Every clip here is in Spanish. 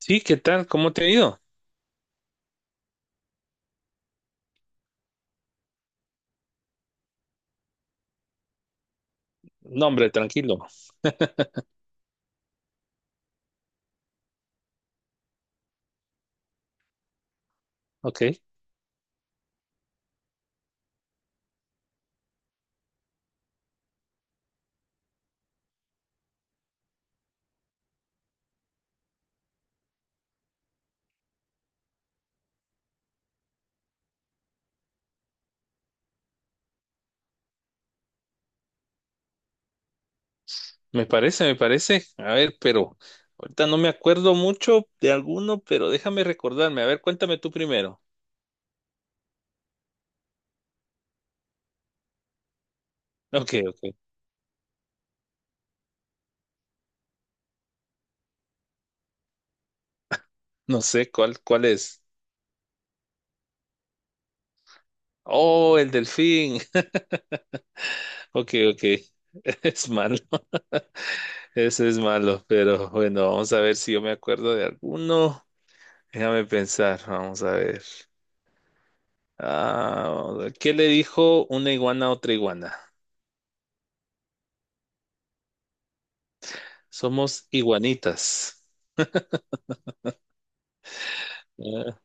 Sí, ¿qué tal? ¿Cómo te ha ido? No, hombre, tranquilo. Ok, me parece, me parece. A ver, pero ahorita no me acuerdo mucho de alguno, pero déjame recordarme. A ver, cuéntame tú primero. Ok, ok. No sé cuál es. Oh, el delfín. Ok, ok. Es malo. Ese es malo, pero bueno, vamos a ver si yo me acuerdo de alguno. Déjame pensar, vamos a ver. Ah, ¿qué le dijo una iguana a otra iguana? Somos iguanitas. Ah,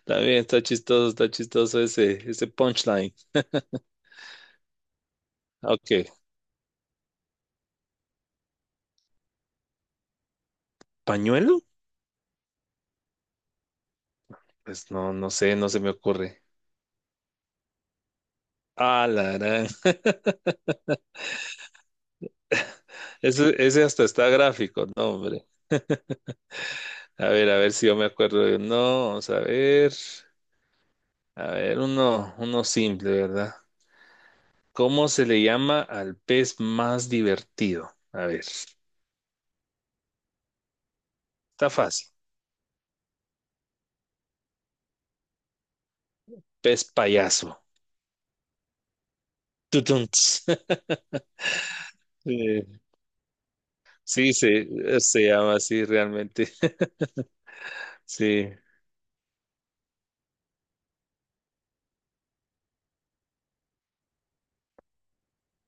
está bien, está chistoso ese, ese punchline. Ah, ok. ¿Pañuelo? Pues no, no sé, no se me ocurre. Ah, la gran. Ese hasta está gráfico, no, hombre. A ver si yo me acuerdo de uno. Vamos a ver. A ver, uno, uno simple, ¿verdad? ¿Cómo se le llama al pez más divertido? A ver, está fácil. Pez payaso. Tutun, ts. Sí, sí, se llama así realmente. Sí.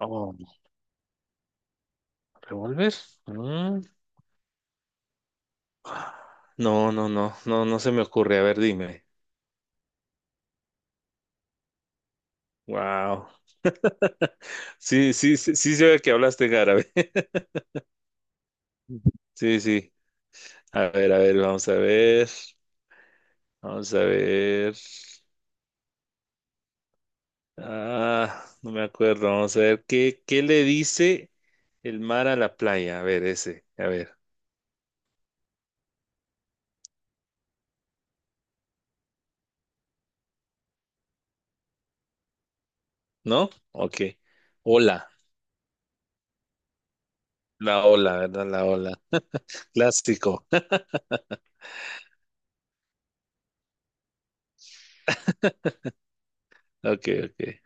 Oh. ¿Revólver? Mm. No, no, no, no, no se me ocurre. A ver, dime. Wow. Sí, sí, sí, sí se ve que hablaste en árabe. Sí, sí. A ver, vamos a ver. Vamos a ver. Ah, no me acuerdo. Vamos a ver. ¿Qué le dice el mar a la playa? A ver, ese. A ver. ¿No? Ok. Hola. La ola, ¿verdad? La ola. Clásico. Ok, ok.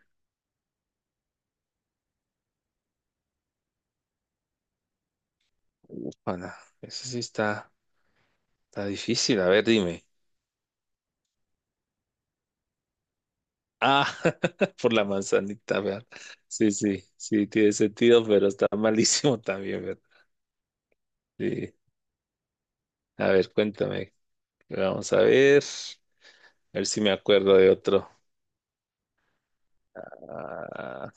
Ufala. Ese sí está, está difícil. A ver, dime. Ah, por la manzanita, ¿verdad? Sí, sí, sí, tiene sentido, pero está malísimo también, ¿verdad? Sí. A ver, cuéntame. Vamos a ver. A ver si me acuerdo de otro. Ah,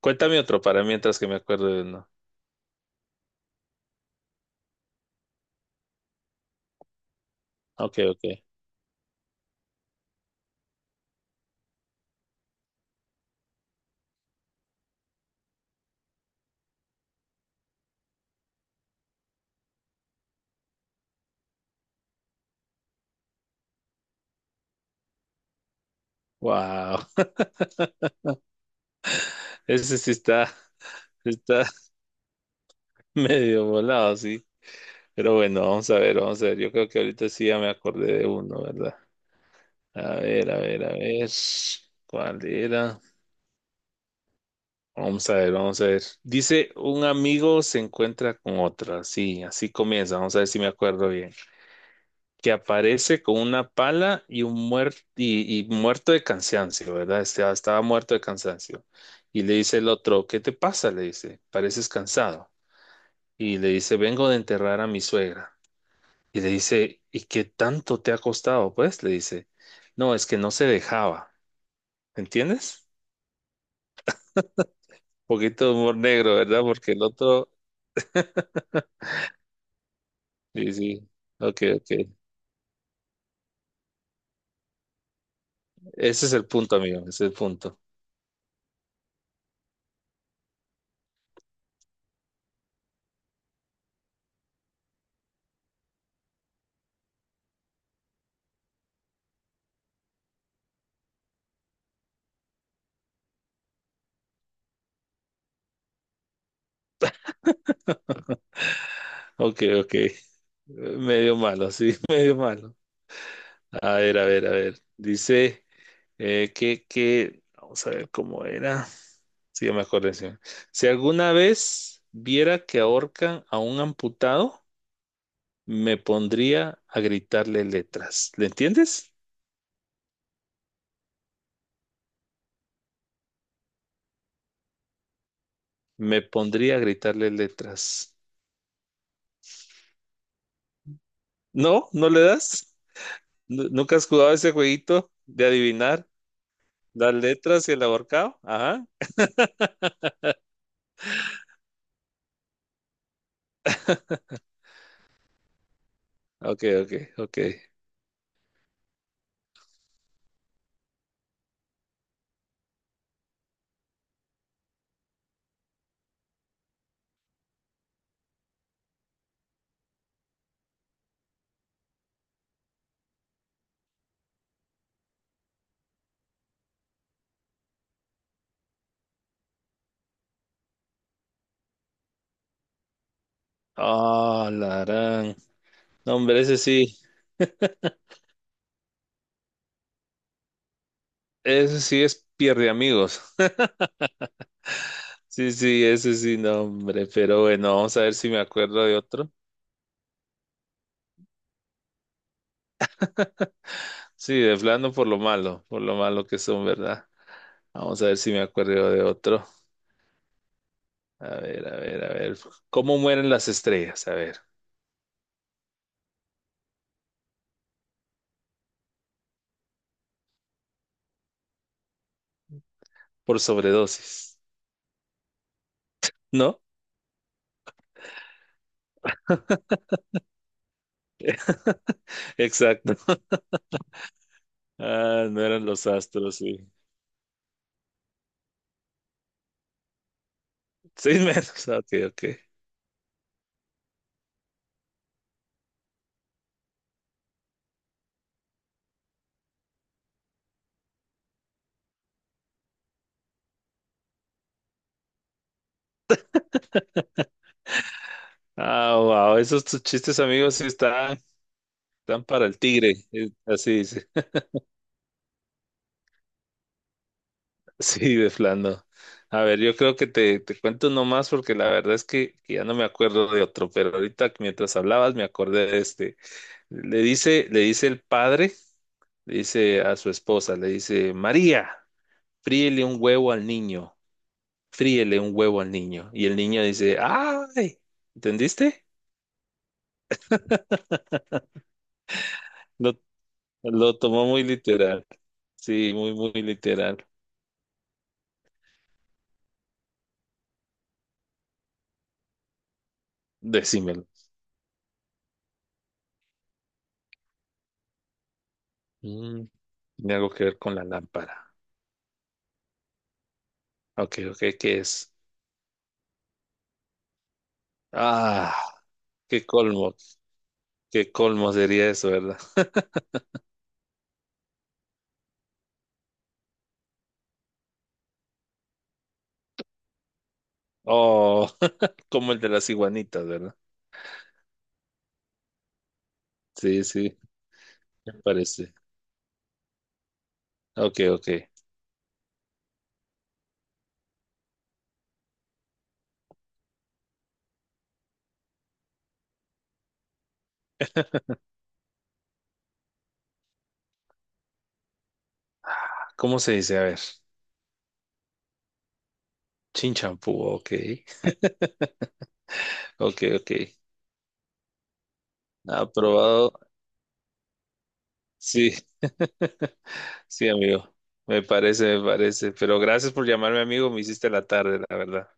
cuéntame otro para mientras que me acuerdo de uno. Ok, ok. Wow. Ese sí está, está medio volado, sí. Pero bueno, vamos a ver, vamos a ver. Yo creo que ahorita sí ya me acordé de uno, ¿verdad? A ver, a ver, a ver. ¿Cuál era? Vamos a ver, vamos a ver. Dice, un amigo se encuentra con otra. Sí, así comienza. Vamos a ver si me acuerdo bien. Que aparece con una pala y un muerto y muerto de cansancio, ¿verdad? Estaba, estaba muerto de cansancio. Y le dice el otro, ¿qué te pasa? Le dice, pareces cansado. Y le dice, vengo de enterrar a mi suegra. Y le dice, ¿y qué tanto te ha costado? Pues le dice, no, es que no se dejaba. ¿Entiendes? Un poquito de humor negro, ¿verdad? Porque el otro, sí, sí. Ok, ok. Ese es el punto, amigo, ese es el punto. Ok, ok. Medio malo, sí, medio malo. A ver, a ver, a ver. Dice vamos a ver cómo era. Sí, ya me acordé. Sí. Si alguna vez viera que ahorcan a un amputado, me pondría a gritarle letras. ¿Le entiendes? Me pondría a gritarle letras. ¿No? ¿No le das? ¿Nunca has jugado ese jueguito de adivinar las letras y el ahorcado? Ajá. Ok, ok, ok. Ah, la gran. No, hombre, ese sí es pierde amigos. Sí, sí, ese sí, no, hombre, pero bueno, vamos a ver si me acuerdo de otro. Sí, de plano por lo malo que son, ¿verdad? Vamos a ver si me acuerdo de otro. A ver, a ver, a ver. ¿Cómo mueren las estrellas? A ver, por sobredosis. ¿No? Exacto. Ah, no eran los astros, sí. 6 menos, ok, ok. Ah, wow, esos tus chistes, amigos, sí están. Están para el tigre, así dice, sí, de flando. A ver, yo creo que te cuento nomás porque la verdad es que ya no me acuerdo de otro, pero ahorita mientras hablabas me acordé de este. Le dice el padre, le dice a su esposa, le dice, María, fríele un huevo al niño, fríele un huevo al niño. Y el niño dice, ¡ay! ¿Entendiste? Lo, lo tomó muy literal. Sí, muy, muy literal. Decímelo. Mm, tiene algo que ver con la lámpara. Ok, ok, ¿qué es? Ah, qué colmo, qué colmo sería eso, ¿verdad? Oh, como el de las iguanitas, ¿verdad? Sí, sí, me parece. Ok, ok. ¿Cómo se dice? A ver, chinchampú, ok, ok, ok. Aprobado, sí, sí, amigo, me parece, me parece. Pero gracias por llamarme, amigo, me hiciste la tarde, la verdad.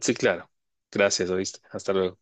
Sí, claro. Gracias, oíste. Hasta luego.